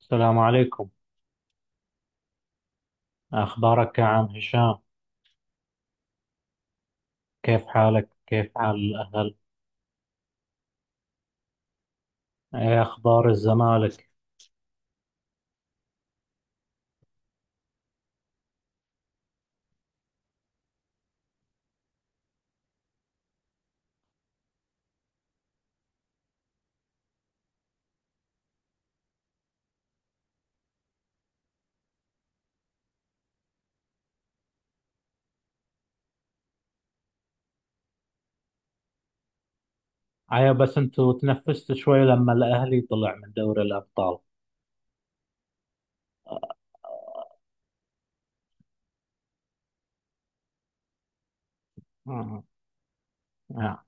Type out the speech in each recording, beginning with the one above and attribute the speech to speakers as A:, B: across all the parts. A: السلام عليكم. أخبارك يا عم هشام؟ كيف حالك؟ كيف حال الأهل؟ إيه أخبار الزمالك؟ أيوة، بس أنتوا تنفست شوي لما الأهلي طلع من دوري الأبطال. آه. آه.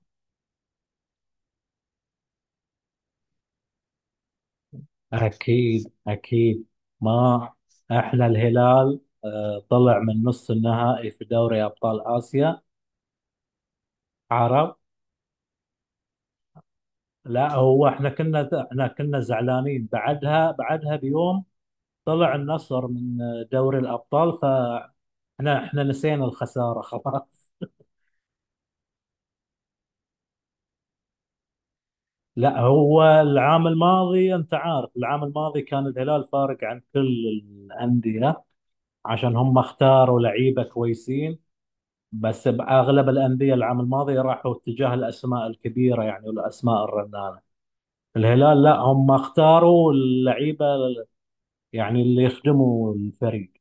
A: أكيد أكيد. ما إحنا الهلال طلع من نص النهائي في دوري أبطال آسيا. عرب. لا، هو إحنا كنا زعلانين بعدها بيوم. طلع النصر من دوري الأبطال. احنا نسينا الخساره خلاص. لا، هو العام الماضي انت عارف، العام الماضي كان الهلال فارق عن كل الانديه، عشان هم اختاروا لعيبه كويسين. بس باغلب الانديه العام الماضي راحوا اتجاه الاسماء الكبيره، يعني والاسماء الرنانه. الهلال، لا، هم اختاروا اللعيبه، يعني اللي يخدموا الفريق.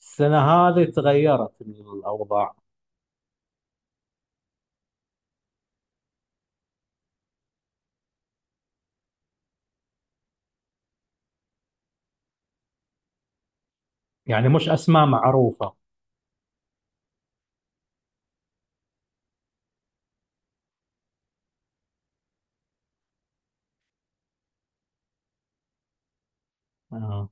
A: السنه هذه تغيرت الاوضاع، يعني مش اسماء معروفه. آه.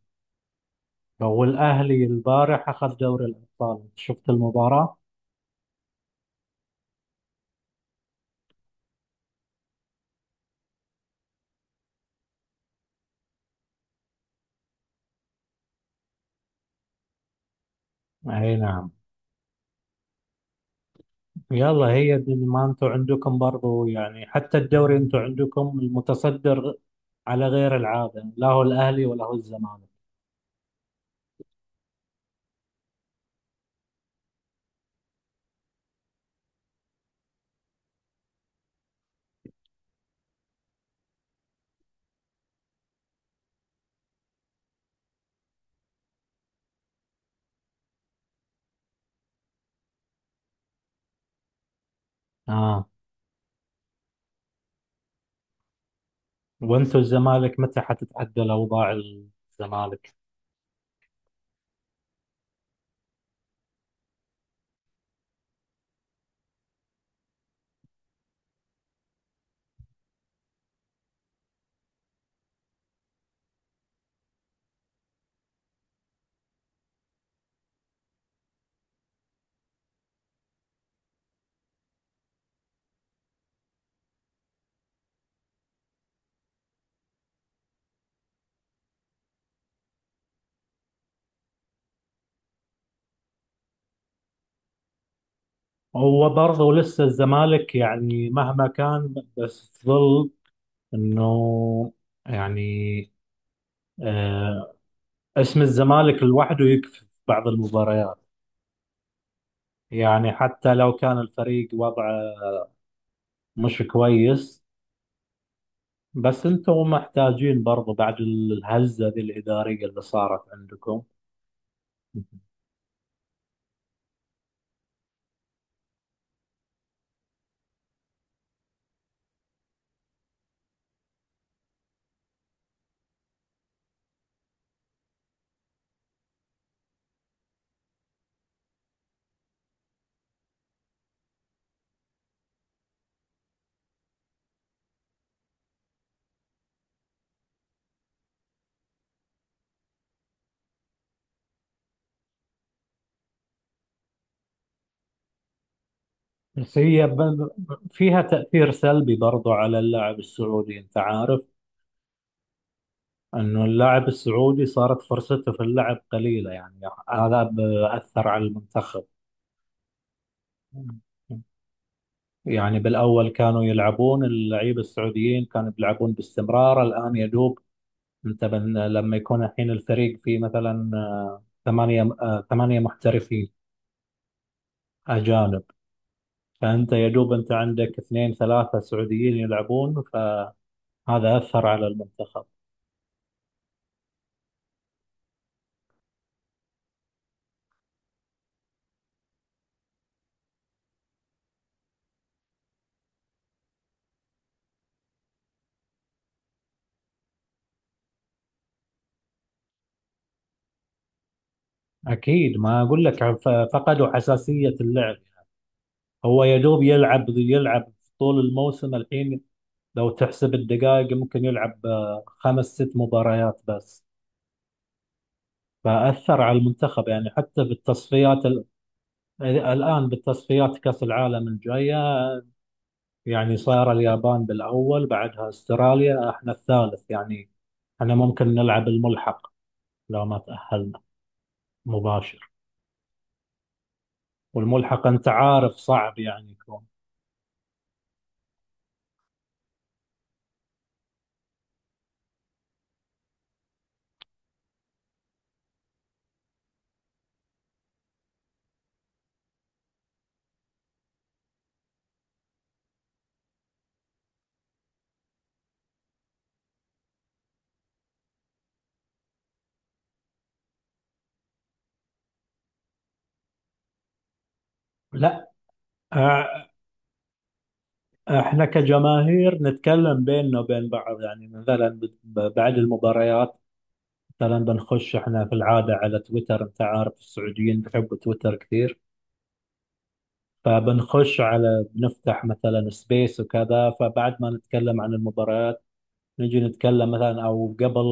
A: هو الأهلي البارح أخذ دوري الأبطال، شفت المباراة؟ أي نعم. يلا، هي دي، ما أنتوا عندكم برضو، يعني حتى الدوري أنتوا عندكم المتصدر على غير العادة، لا هو الأهلي ولا هو الزمالك. آه. وأنتوا الزمالك، متى حتتعدل أوضاع الزمالك؟ هو برضو لسه الزمالك، يعني مهما كان بس ظل إنه، يعني، آه اسم الزمالك لوحده يكفي في بعض المباريات، يعني حتى لو كان الفريق وضعه مش كويس. بس انتم محتاجين برضو بعد الهزة ذي الإدارية اللي صارت عندكم. بس هي فيها تأثير سلبي برضو على اللاعب السعودي، انت عارف، انه اللاعب السعودي صارت فرصته في اللعب قليلة يعني. هذا بأثر على المنتخب. يعني بالأول كانوا يلعبون، اللعيبة السعوديين كانوا بيلعبون باستمرار، الآن يدوب انت، من لما يكون الحين الفريق فيه مثلا ثمانية محترفين أجانب. فأنت يا دوب، أنت عندك اثنين ثلاثة سعوديين يلعبون. فهذا أثر على المنتخب. أكيد، ما أقول لك فقدوا حساسية اللعب. هو يا دوب يلعب يلعب طول الموسم الحين. لو تحسب الدقائق ممكن يلعب خمس ست مباريات بس. فأثر على المنتخب، يعني حتى بالتصفيات الآن بالتصفيات كأس العالم الجاية. يعني صار اليابان بالأول، بعدها استراليا، احنا الثالث يعني. احنا ممكن نلعب الملحق لو ما تأهلنا مباشر. والملحق انت عارف صعب يعني يكون. لا، اه، احنا كجماهير نتكلم بيننا وبين بعض، يعني مثلا بعد المباريات. مثلا بنخش احنا في العادة على تويتر، انت عارف السعوديين بيحبوا تويتر كثير. فبنخش على بنفتح مثلا سبيس وكذا، فبعد ما نتكلم عن المباريات نجي نتكلم، مثلا او قبل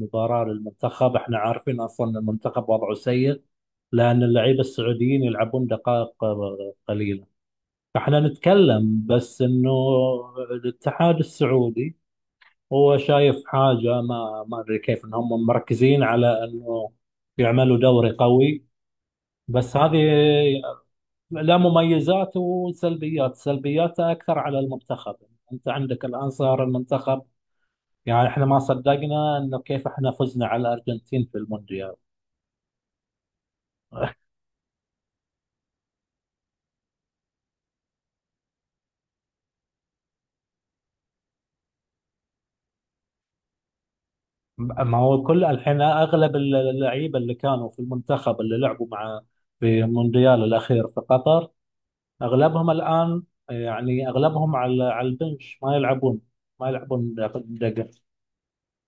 A: مباراة للمنتخب احنا عارفين اصلا المنتخب وضعه سيء، لان اللعيبة السعوديين يلعبون دقائق قليلة. فاحنا نتكلم بس انه الاتحاد السعودي هو شايف حاجة، ما ادري كيف انهم مركزين على انه يعملوا دوري قوي. بس هذه لا، مميزات وسلبيات، سلبياتها اكثر على المنتخب. انت عندك الان صار المنتخب، يعني احنا ما صدقنا انه كيف احنا فزنا على الارجنتين في المونديال. ما هو، كل الحين اغلب اللعيبه اللي كانوا في المنتخب اللي لعبوا مع، في المونديال الاخير في قطر اغلبهم الان، يعني اغلبهم على البنش ما يلعبون. ما يلعبون دقه،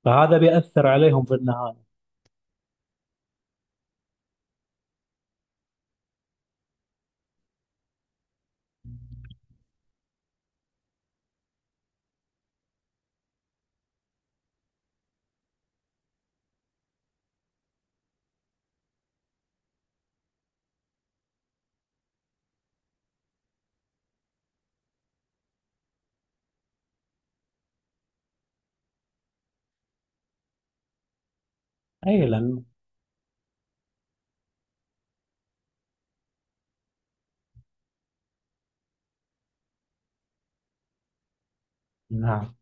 A: فهذا بيأثر عليهم في النهايه. اي لان. نعم.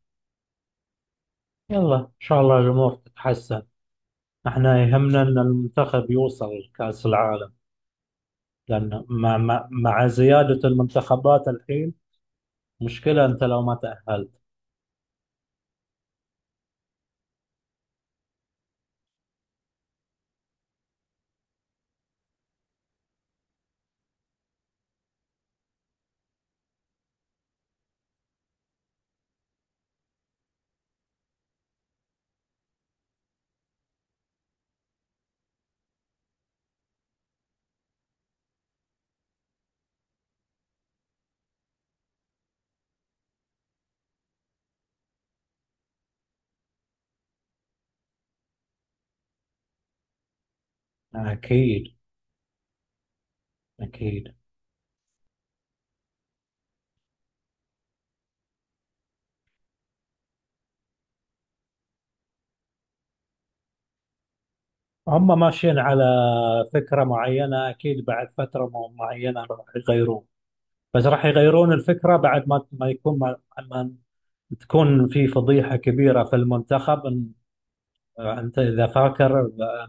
A: يلا، ان شاء الله الامور تتحسن. احنا يهمنا ان المنتخب يوصل لكأس العالم، لان مع مع زياده المنتخبات الحين مشكلة. أنت لو ما تأهلت. أكيد أكيد. هم ماشيين على فكرة معينة، أكيد بعد فترة معينة راح يغيرون. بس راح يغيرون الفكرة بعد ما يكون، ما تكون في فضيحة كبيرة في المنتخب أنت إذا فاكر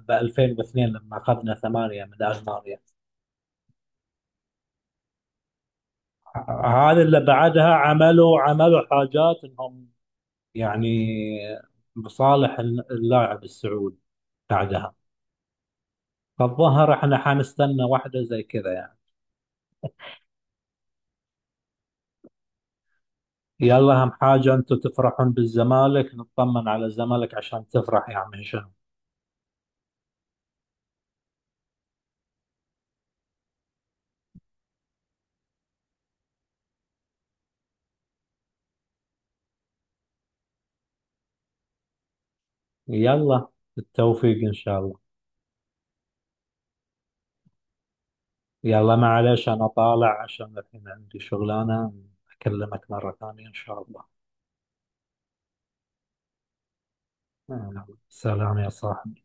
A: ب 2002 لما أخذنا ثمانية من ألمانيا. هذا اللي بعدها عملوا حاجات إنهم، يعني، بصالح اللاعب السعودي بعدها. فالظهر احنا حنستنى واحدة زي كذا يعني. يلا، اهم حاجة انتم تفرحون بالزمالك، نطمن على الزمالك عشان تفرح يا عم هشام. يلا، بالتوفيق ان شاء الله. يلا معلش، انا طالع عشان الحين عندي شغلانة، اكلمك مرة ثانية ان شاء الله. يلا. سلام يا صاحبي.